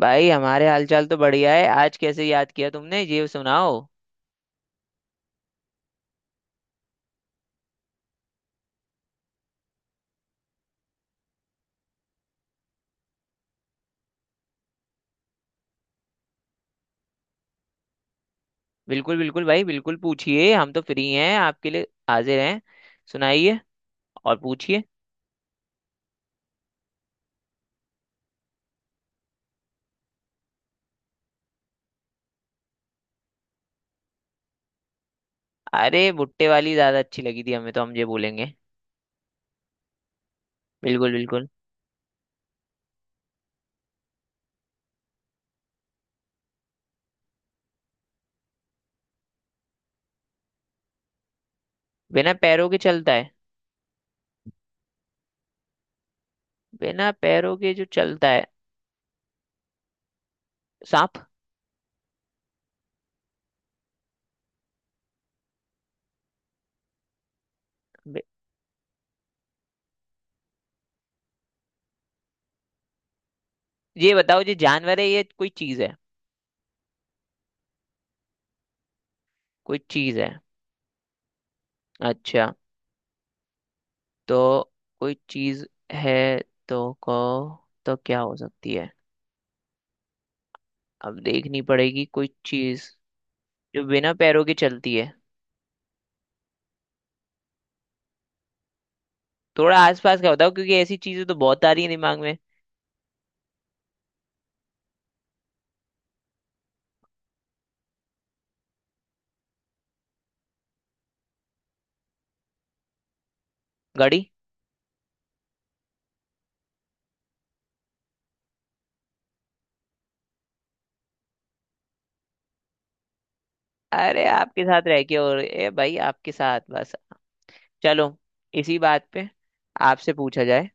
भाई हमारे हालचाल तो बढ़िया है। आज कैसे याद किया तुमने, ये सुनाओ। बिल्कुल बिल्कुल भाई, बिल्कुल पूछिए, हम तो फ्री हैं, आपके लिए हाजिर हैं। सुनाइए और पूछिए। अरे भुट्टे वाली ज्यादा अच्छी लगी थी हमें, तो हम ये बोलेंगे। बिल्कुल बिल्कुल। बिना पैरों के चलता है? बिना पैरों के जो चलता है। सांप। बे- ये बताओ, ये जानवर है, ये कोई चीज है? कोई चीज है? अच्छा। तो कोई चीज है। तो को तो क्या हो सकती है? अब देखनी पड़ेगी कोई चीज जो बिना पैरों के चलती है। थोड़ा आसपास का बताओ, क्योंकि ऐसी चीजें तो बहुत आ रही है दिमाग में। घड़ी। अरे आपके साथ रह के, और ए भाई, आपके साथ बस। चलो, इसी बात पे आपसे पूछा जाए।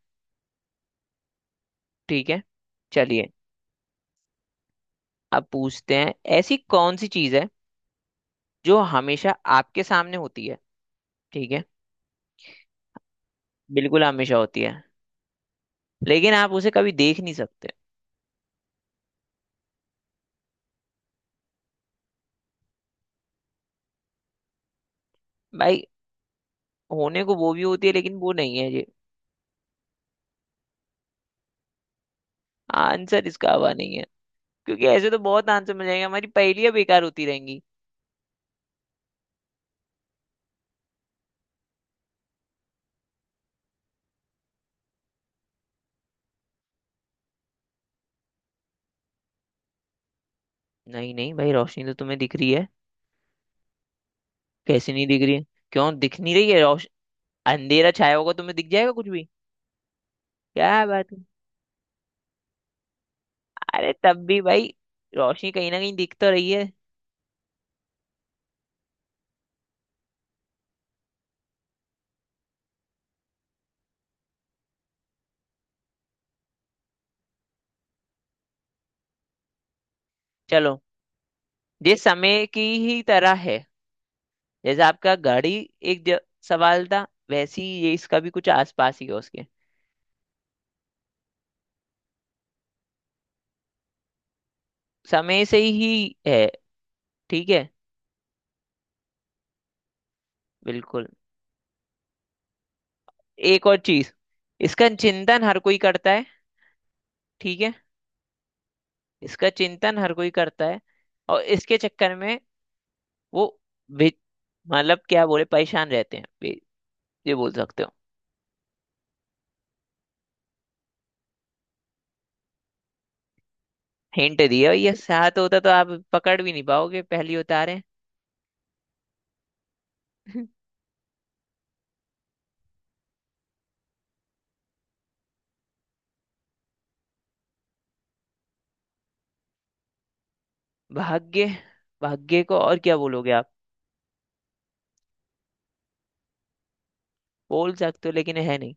ठीक है, चलिए। अब पूछते हैं, ऐसी कौन सी चीज है जो हमेशा आपके सामने होती है? ठीक है, बिल्कुल हमेशा होती है, लेकिन आप उसे कभी देख नहीं सकते। भाई, होने को वो भी होती है, लेकिन वो नहीं है ये। आंसर इसका हवा नहीं है, क्योंकि ऐसे तो बहुत आंसर मिल जाएंगे, हमारी पहेलियां बेकार होती रहेंगी। नहीं नहीं भाई, रोशनी तो तुम्हें दिख रही है। कैसी नहीं दिख रही है? क्यों दिख नहीं रही है रोश अंधेरा छाया होगा तो तुम्हें दिख जाएगा कुछ भी। क्या बात है! अरे तब भी भाई, रोशनी कहीं ना कहीं दिख तो रही है। चलो, ये समय की ही तरह है। जैसे आपका गाड़ी एक ज- सवाल था, वैसे ही ये इसका भी कुछ आसपास ही है उसके, समय से ही है। ठीक है, बिल्कुल। एक और चीज, इसका चिंतन हर कोई करता है। ठीक है, इसका चिंतन हर कोई करता है, और इसके चक्कर में वो वे- मतलब क्या बोले, परेशान रहते हैं, ये बोल सकते हो। हिंट दिया, ये साथ होता तो आप पकड़ भी नहीं पाओगे पहली उतारे। भाग्य? भाग्य को और क्या बोलोगे आप? बोल सकते हो, लेकिन है नहीं।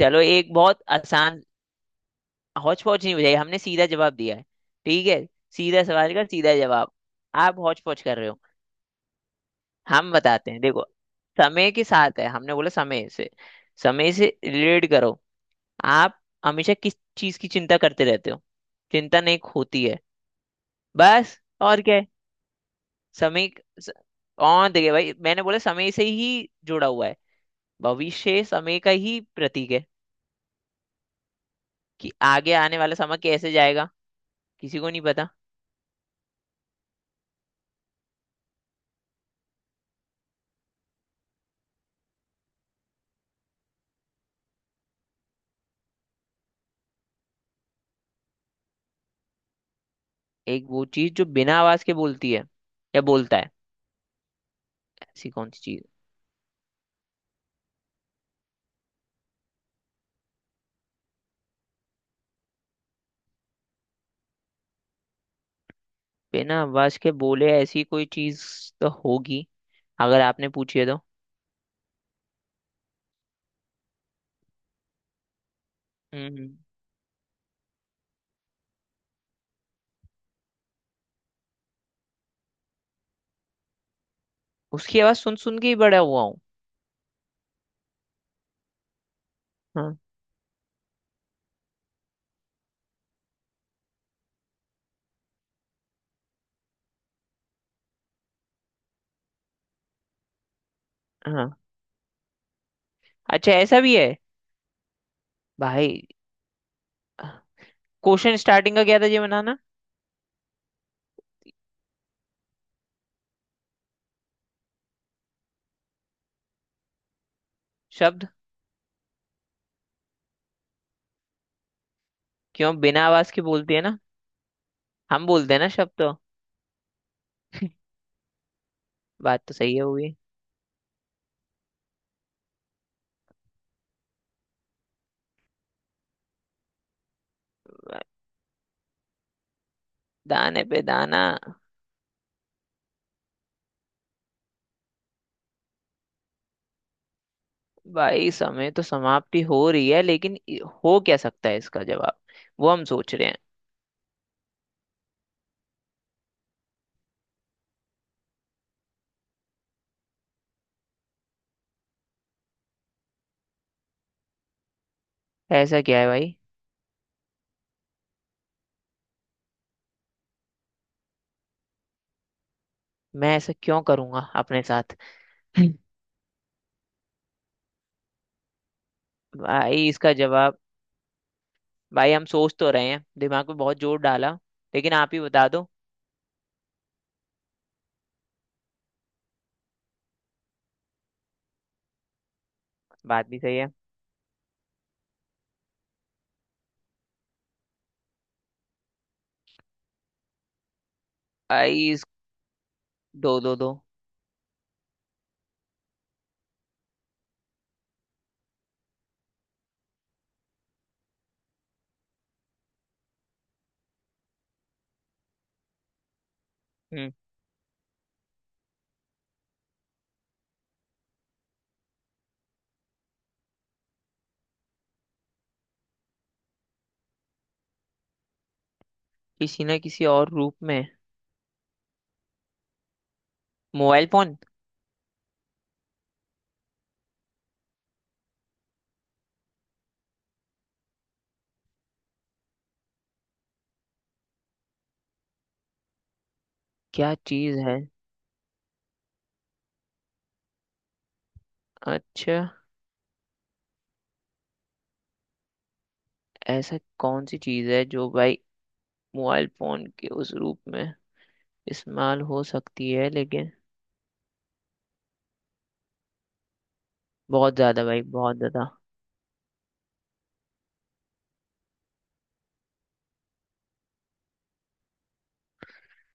चलो, एक बहुत आसान। हौच पौच नहीं बुझाई, हमने सीधा जवाब दिया है। ठीक है, सीधा सवाल का सीधा जवाब, आप हौच पौच कर रहे हो। हम बताते हैं देखो, समय के साथ है, हमने बोला समय से, समय से रिलेट करो। आप हमेशा किस चीज की चिंता करते रहते हो? चिंता नहीं होती है, बस और क्या है? समय। स- और देखिए भाई, मैंने बोला समय से ही जुड़ा हुआ है। भविष्य समय का ही प्रतीक है, कि आगे आने वाला समय कैसे जाएगा, किसी को नहीं पता। एक वो चीज जो बिना आवाज के बोलती है, या बोलता है? ऐसी कौन सी चीज? बिना आवाज के बोले, ऐसी कोई चीज तो होगी, अगर आपने पूछी है तो। हम्म हम्म। उसकी आवाज सुन सुन के ही बड़ा हुआ हूँ। हाँ। हाँ। अच्छा, ऐसा भी है? भाई, क्वेश्चन स्टार्टिंग का क्या था, ये बनाना। शब्द। क्यों, बिना आवाज के बोलती है ना, हम बोलते हैं ना शब्द तो। बात तो सही है हुई। दाने पे दाना। भाई समय तो समाप्ति हो रही है, लेकिन हो क्या सकता है इसका जवाब, वो हम सोच रहे हैं। ऐसा क्या है भाई? मैं ऐसा क्यों करूंगा अपने साथ? भाई इसका जवाब, भाई हम सोच तो रहे हैं, दिमाग पे बहुत जोर डाला, लेकिन आप ही बता दो। बात भी सही है। भाई इस दो दो दो। हम्म। किसी ना किसी और रूप में। Mobile phone? क्या चीज है? अच्छा, ऐसा कौन सी चीज है जो भाई मोबाइल फोन के उस रूप में इस्तेमाल हो सकती है, लेकिन बहुत ज्यादा भाई, बहुत ज्यादा।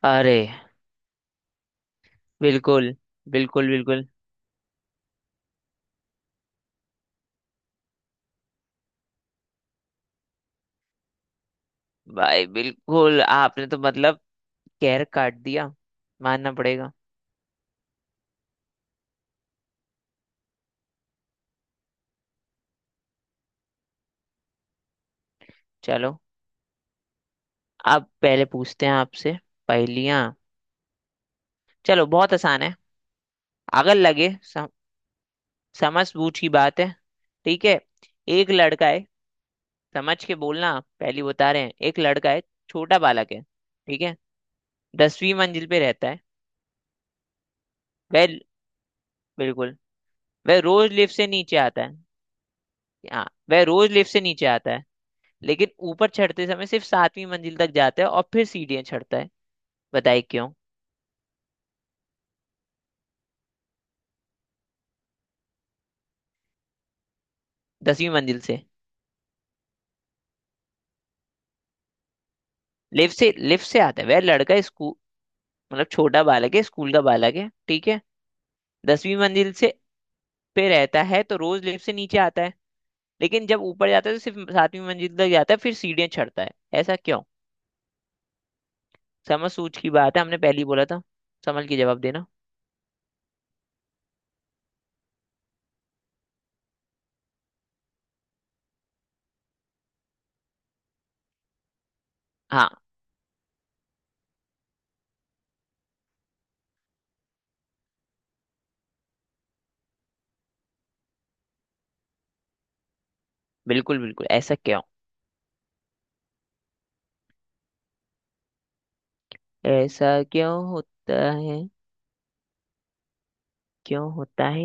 अरे! बिल्कुल। बिल्कुल बिल्कुल। भाई बिल्कुल आपने तो मतलब कहर काट दिया, मानना पड़ेगा। चलो, अब पहले पूछते हैं आपसे पहेलियां। चलो बहुत आसान है। अगर लगे समझ बूझ की बात है, ठीक है। एक लड़का है, समझ के बोलना, पहली बता रहे हैं। एक लड़का है, छोटा बालक है, ठीक है। 10वीं मंजिल पे रहता है। वह बिल्कुल। वह रोज लिफ्ट से नीचे आता है। हाँ, वह रोज लिफ्ट से नीचे आता है, लेकिन ऊपर चढ़ते समय सिर्फ 7वीं मंजिल तक जाता है और फिर सीढ़ियां चढ़ता है। बताइए क्यों? 10वीं मंजिल से। लिफ्ट से, लिफ्ट से आता है वह लड़का, स्कूल, मतलब छोटा बालक है, स्कूल का बालक है, ठीक है। दसवीं मंजिल से पे रहता है, तो रोज लिफ्ट से नीचे आता है, लेकिन जब ऊपर जाता है तो सिर्फ 7वीं मंजिल तक जाता है, फिर सीढ़ियां चढ़ता है। ऐसा क्यों? समझ सूझ की बात है, हमने पहले ही बोला था, समझ के जवाब देना। हाँ, बिल्कुल बिल्कुल ऐसा क्यों। ऐसा क्यों होता है? क्यों होता है?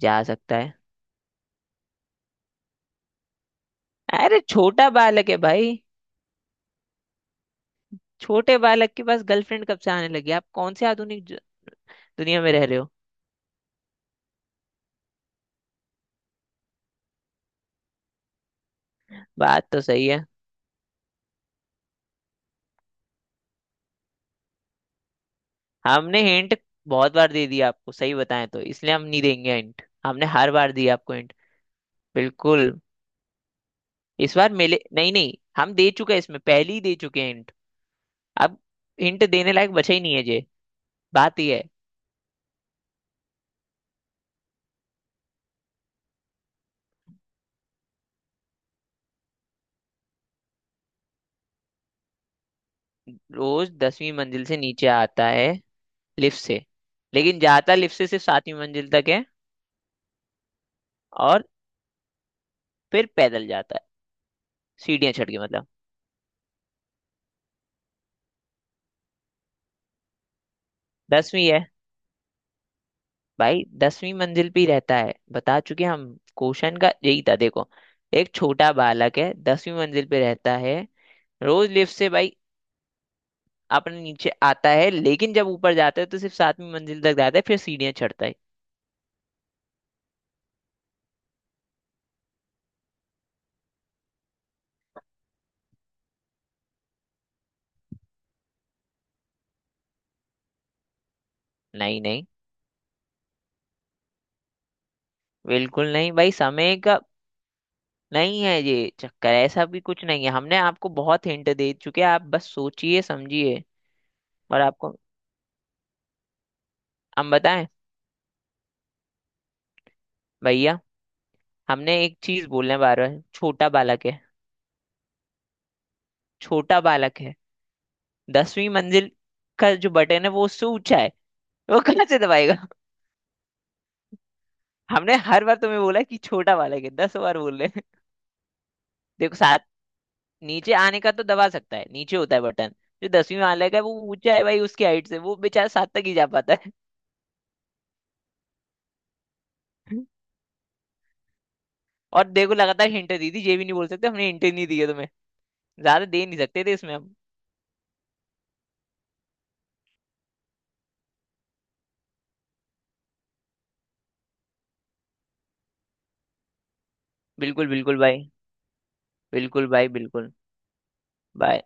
जा सकता है। अरे छोटा बालक है भाई, छोटे बालक के पास गर्लफ्रेंड कब से आने लगी? आप कौन से आधुनिक दुनिया में रह रहे हो? बात तो सही है। हमने हिंट बहुत बार दे दिया आपको, सही बताएं तो इसलिए हम नहीं देंगे हिंट, हमने हर बार दिया आपको हिंट। बिल्कुल। इस बार मिले, नहीं नहीं, हम दे चुके हैं, इसमें पहले ही दे चुके हैं हिंट। अब हिंट देने लायक बचा ही नहीं है। बात यह है। रोज 10वीं मंजिल से नीचे आता है लिफ्ट से, लेकिन जाता लिफ्ट से सिर्फ सातवीं मंजिल तक है, और फिर पैदल जाता है, सीढ़ियां चढ़ के मतलब। दसवीं है भाई, 10वीं मंजिल पे ही रहता है, बता चुके हम। क्वेश्चन का यही था देखो, एक छोटा बालक है 10वीं मंजिल पे रहता है, रोज लिफ्ट से भाई अपने नीचे आता है, लेकिन जब ऊपर जाता है तो सिर्फ सातवीं मंजिल तक जाता है, फिर सीढ़ियां चढ़ता है। नहीं नहीं, बिल्कुल नहीं भाई, समय का नहीं है ये चक्कर, ऐसा भी कुछ नहीं है, हमने आपको बहुत हिंट दे चुके हैं, आप बस सोचिए समझिए। और आपको हम बताएं, भैया हमने एक चीज बोलने हैं बार बार, छोटा बालक है, छोटा बालक है। दसवीं मंजिल का जो बटन है वो उससे ऊंचा है, वो कहाँ से दबाएगा? हमने हर बार तुम्हें बोला कि छोटा बालक है, 10 बार बोल रहे हैं। देखो साथ, नीचे आने का तो दबा सकता है, नीचे होता है बटन, जो दसवीं बालक है वो ऊंचा है भाई उसकी हाइट से, वो बेचारा सात तक ही जा पाता है। और देखो, लगातार हिंट दी थी, ये भी नहीं बोल सकते हमने हिंट नहीं दी है, ज्यादा दे नहीं सकते थे इसमें हम। बिल्कुल बिल्कुल भाई, बिल्कुल भाई, बिल्कुल। बाय।